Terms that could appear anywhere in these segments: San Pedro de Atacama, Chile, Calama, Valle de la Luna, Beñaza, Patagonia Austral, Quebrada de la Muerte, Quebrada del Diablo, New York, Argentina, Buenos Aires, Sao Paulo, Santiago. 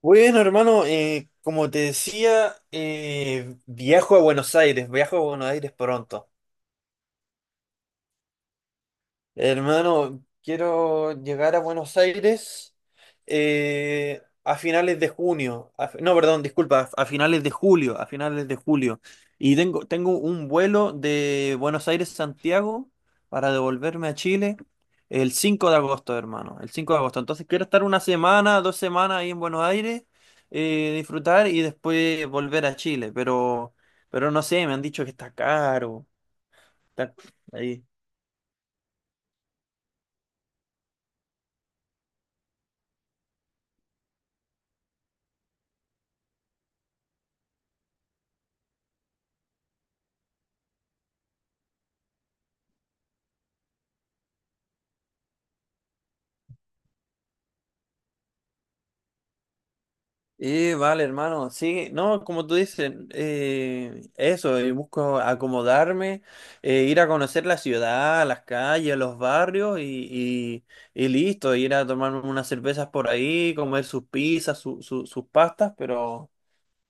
Bueno, hermano, como te decía, viajo a Buenos Aires, viajo a Buenos Aires pronto. Hermano, quiero llegar a Buenos Aires a finales de junio. No, perdón, disculpa, a finales de julio, a finales de julio. Y tengo un vuelo de Buenos Aires a Santiago para devolverme a Chile el 5 de agosto, hermano. El 5 de agosto. Entonces quiero estar una semana, dos semanas ahí en Buenos Aires, disfrutar y después volver a Chile. Pero no sé, me han dicho que está caro. Está ahí. Y vale, hermano, sí, no, como tú dices, eso, busco acomodarme, ir a conocer la ciudad, las calles, los barrios y listo, ir a tomarme unas cervezas por ahí, comer sus pizzas, sus pastas,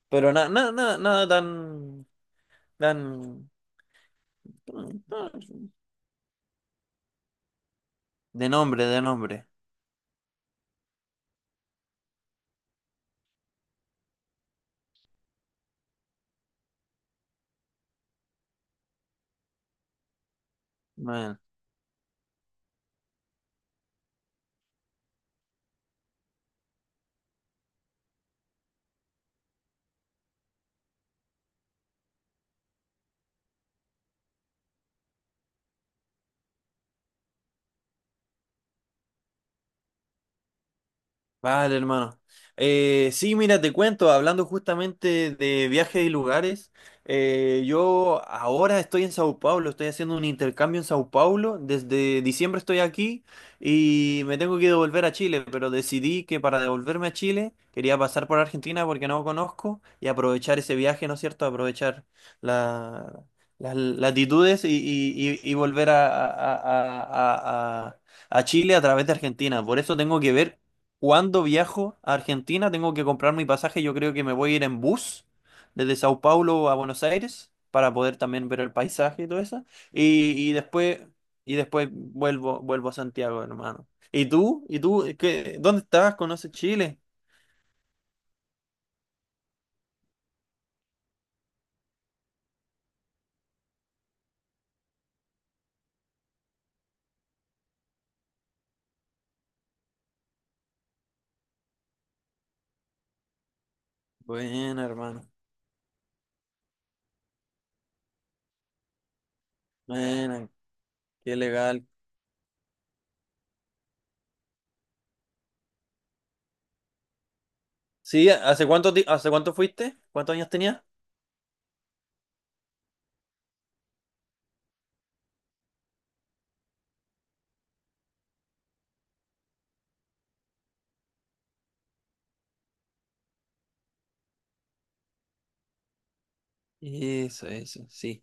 pero nada, nada, nada, nada tan, tan, no, de nombre, de nombre. Bueno. Vale, hermano. Sí, mira, te cuento, hablando justamente de viajes y lugares, yo ahora estoy en Sao Paulo, estoy haciendo un intercambio en Sao Paulo, desde diciembre estoy aquí y me tengo que devolver a Chile, pero decidí que para devolverme a Chile quería pasar por Argentina porque no conozco y aprovechar ese viaje, ¿no es cierto? Aprovechar la- las latitudes y volver a- a- a Chile a través de Argentina. Por eso tengo que ver cuando viajo a Argentina tengo que comprar mi pasaje. Yo creo que me voy a ir en bus desde Sao Paulo a Buenos Aires para poder también ver el paisaje y todo eso. Y, y después, y después vuelvo a Santiago, hermano. ¿Y tú? ¿Y tú? ¿Qué- dónde estás? ¿Conoces Chile? Buena, hermano. Buena, qué legal. Sí, ¿hace cuánto, ti- hace cuánto fuiste? ¿Cuántos años tenías? Eso, sí.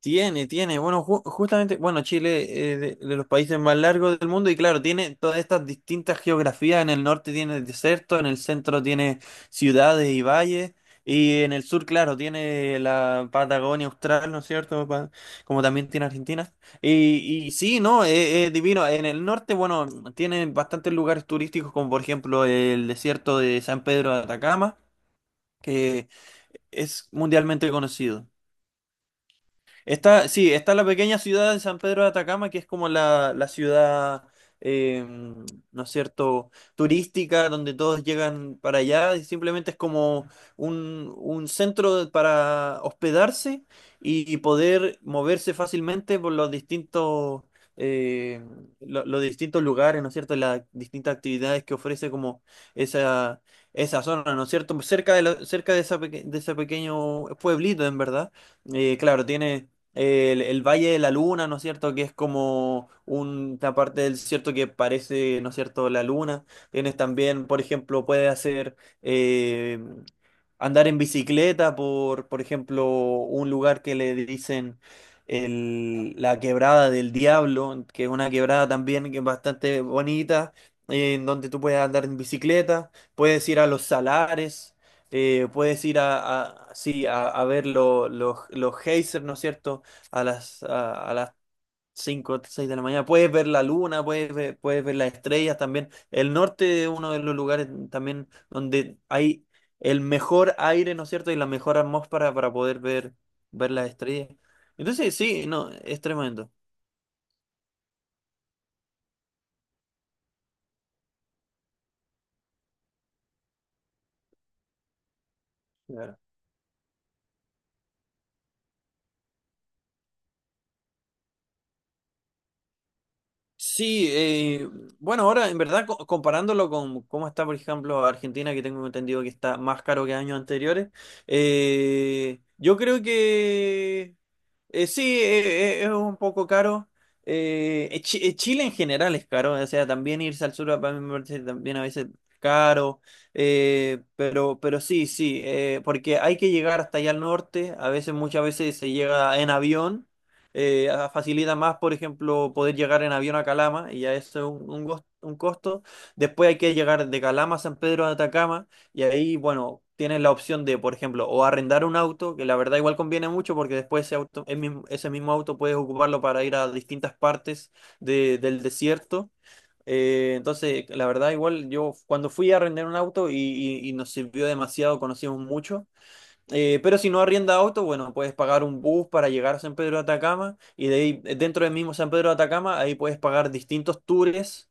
Tiene, tiene. Bueno, ju- justamente, bueno, Chile de los países más largos del mundo y claro, tiene todas estas distintas geografías. En el norte tiene desierto, en el centro tiene ciudades y valles y en el sur, claro, tiene la Patagonia Austral, ¿no es cierto? Pa- como también tiene Argentina. Y sí, ¿no? Es divino. En el norte, bueno, tiene bastantes lugares turísticos como por ejemplo el desierto de San Pedro de Atacama, que es mundialmente conocido. Está, sí, está la pequeña ciudad de San Pedro de Atacama, que es como la ciudad, eh, ¿no es cierto?, turística, donde todos llegan para allá, y simplemente es como un centro para hospedarse y poder moverse fácilmente por los distintos, eh, los distintos lugares, ¿no es cierto?, las distintas actividades que ofrece como esa, esa zona, ¿no es cierto?, cerca de, cerca de, esa peque- de ese pequeño pueblito, en verdad. Claro, tiene... el Valle de la Luna, ¿no es cierto? Que es como una parte del desierto que parece, ¿no es cierto?, la luna. Tienes también, por ejemplo, puedes hacer eh, andar en bicicleta por ejemplo, un lugar que le dicen la Quebrada del Diablo, que es una quebrada también que es bastante bonita, en donde tú puedes andar en bicicleta, puedes ir a los salares puedes ir a, sí, a ver los geysers, ¿no es cierto? A las 5 6 de la mañana. Puedes ver la luna, puedes ver las estrellas también. El norte es uno de los lugares también donde hay el mejor aire, ¿no es cierto? Y la mejor atmósfera para poder ver, ver las estrellas. Entonces, sí, no, es tremendo. Sí, bueno, ahora en verdad co- comparándolo con cómo está, por ejemplo, Argentina, que tengo entendido que está más caro que años anteriores, yo creo que sí, es un poco caro. Chile en general es caro, o sea, también irse al sur para mí me parece también a veces caro, pero sí, sí, porque hay que llegar hasta allá al norte, a veces, muchas veces se llega en avión facilita más, por ejemplo, poder llegar en avión a Calama, y ya eso es un, un costo. Después hay que llegar de Calama a San Pedro de Atacama, y ahí, bueno, tienes la opción de, por ejemplo, o arrendar un auto, que la verdad igual conviene mucho porque después ese auto, el mismo- ese mismo auto puedes ocuparlo para ir a distintas partes del desierto. Entonces, la verdad, igual yo cuando fui a arrendar un auto y nos sirvió demasiado, conocimos mucho. Pero si no arrienda auto, bueno, puedes pagar un bus para llegar a San Pedro de Atacama y de ahí, dentro del mismo San Pedro de Atacama, ahí puedes pagar distintos tours,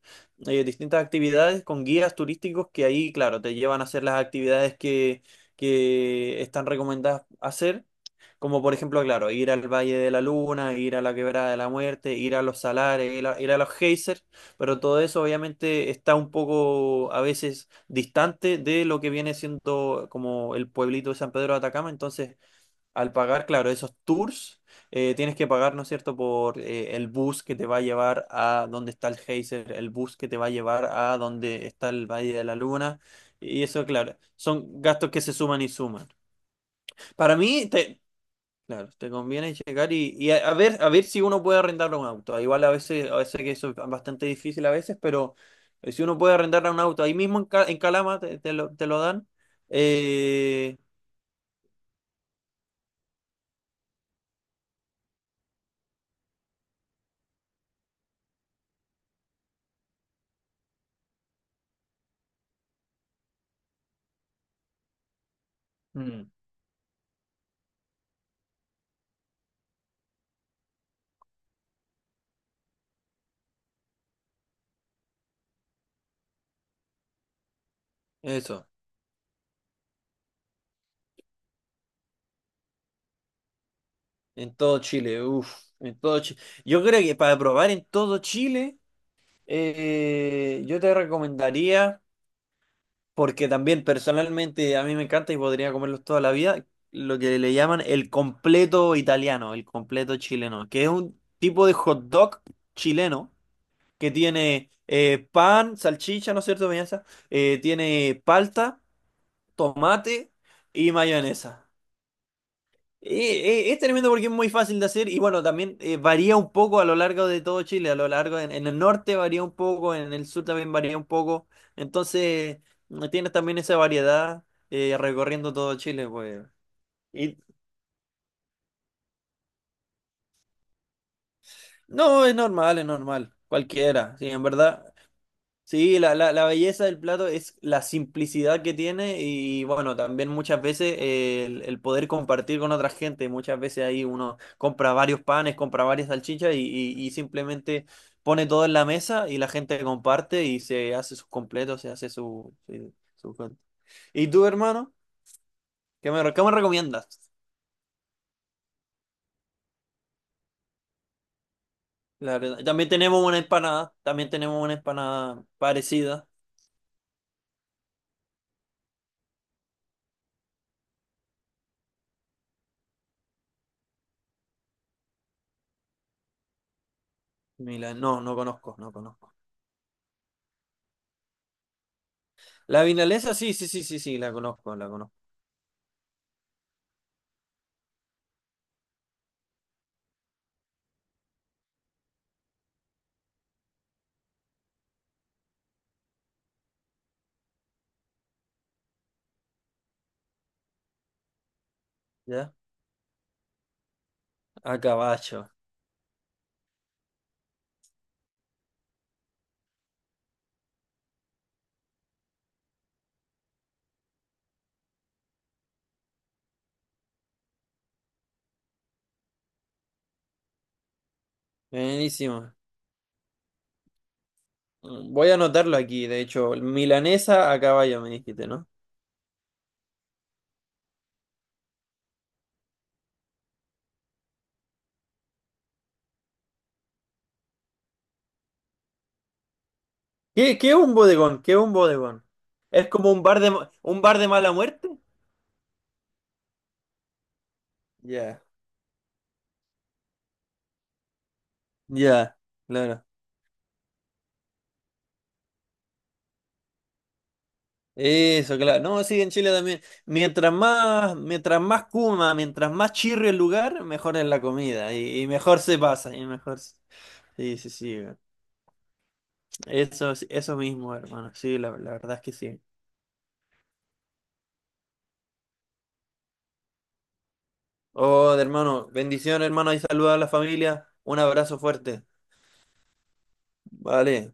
distintas actividades con guías turísticos que ahí, claro, te llevan a hacer las actividades que están recomendadas hacer, como por ejemplo, claro, ir al Valle de la Luna, ir a la Quebrada de la Muerte, ir a los salares, ir a, ir a los geysers, pero todo eso obviamente está un poco a veces distante de lo que viene siendo como el pueblito de San Pedro de Atacama. Entonces, al pagar, claro, esos tours, tienes que pagar, ¿no es cierto?, por el bus que te va a llevar a donde está el geyser, el bus que te va a llevar a donde está el Valle de la Luna. Y eso, claro, son gastos que se suman y suman. Para mí, te, Claro, te conviene checar y a ver si uno puede arrendar un auto. Ah, igual a veces que eso es bastante difícil a veces, pero si uno puede arrendar un auto, ahí mismo en, Ca- en Calama te lo dan. Eh, Mm. Eso, en todo Chile, uff, en todo Chile. Yo creo que para probar en todo Chile, yo te recomendaría. Porque también personalmente a mí me encanta y podría comerlos toda la vida, lo que le llaman el completo italiano, el completo chileno, que es un tipo de hot dog chileno que tiene pan, salchicha, ¿no es cierto, Beñaza? Tiene palta, tomate y mayonesa. Es tremendo porque es muy fácil de hacer y bueno, también varía un poco a lo largo de todo Chile, a lo largo en el norte varía un poco, en el sur también varía un poco, entonces mm, tienes también esa variedad recorriendo todo Chile, pues. Y no, es normal, cualquiera, sí, en verdad. Sí, la belleza del plato es la simplicidad que tiene y bueno, también muchas veces el poder compartir con otra gente. Muchas veces ahí uno compra varios panes, compra varias salchichas y simplemente pone todo en la mesa y la gente comparte y se hace sus completos, se hace su, su cosa. ¿Y tú, hermano? ¿Qué me, re- qué me recomiendas? La verdad. También tenemos una empanada, también tenemos una empanada parecida. Mila- no, no conozco, no conozco. La vinalesa, sí, sí, sí, sí, sí, la conozco, la conozco. ¿Ya? A caballo. Buenísimo. Voy a anotarlo aquí, de hecho. Milanesa a caballo, me dijiste, ¿no? ¿Qué, qué es un bodegón? ¿Qué es un bodegón? ¿Es como un bar de, ma- un bar de mala muerte? Ya. Ya, claro. Eso, claro. No, sí, en Chile también. Mientras más cuma, mientras más chirrio el lugar, mejor es la comida. Y mejor se pasa, y mejor. Se- Sí, sí, sí. Eso mismo, hermano. Sí, la la verdad es que sí. Oh, hermano, bendición, hermano, y saluda a la familia. Un abrazo fuerte. Vale.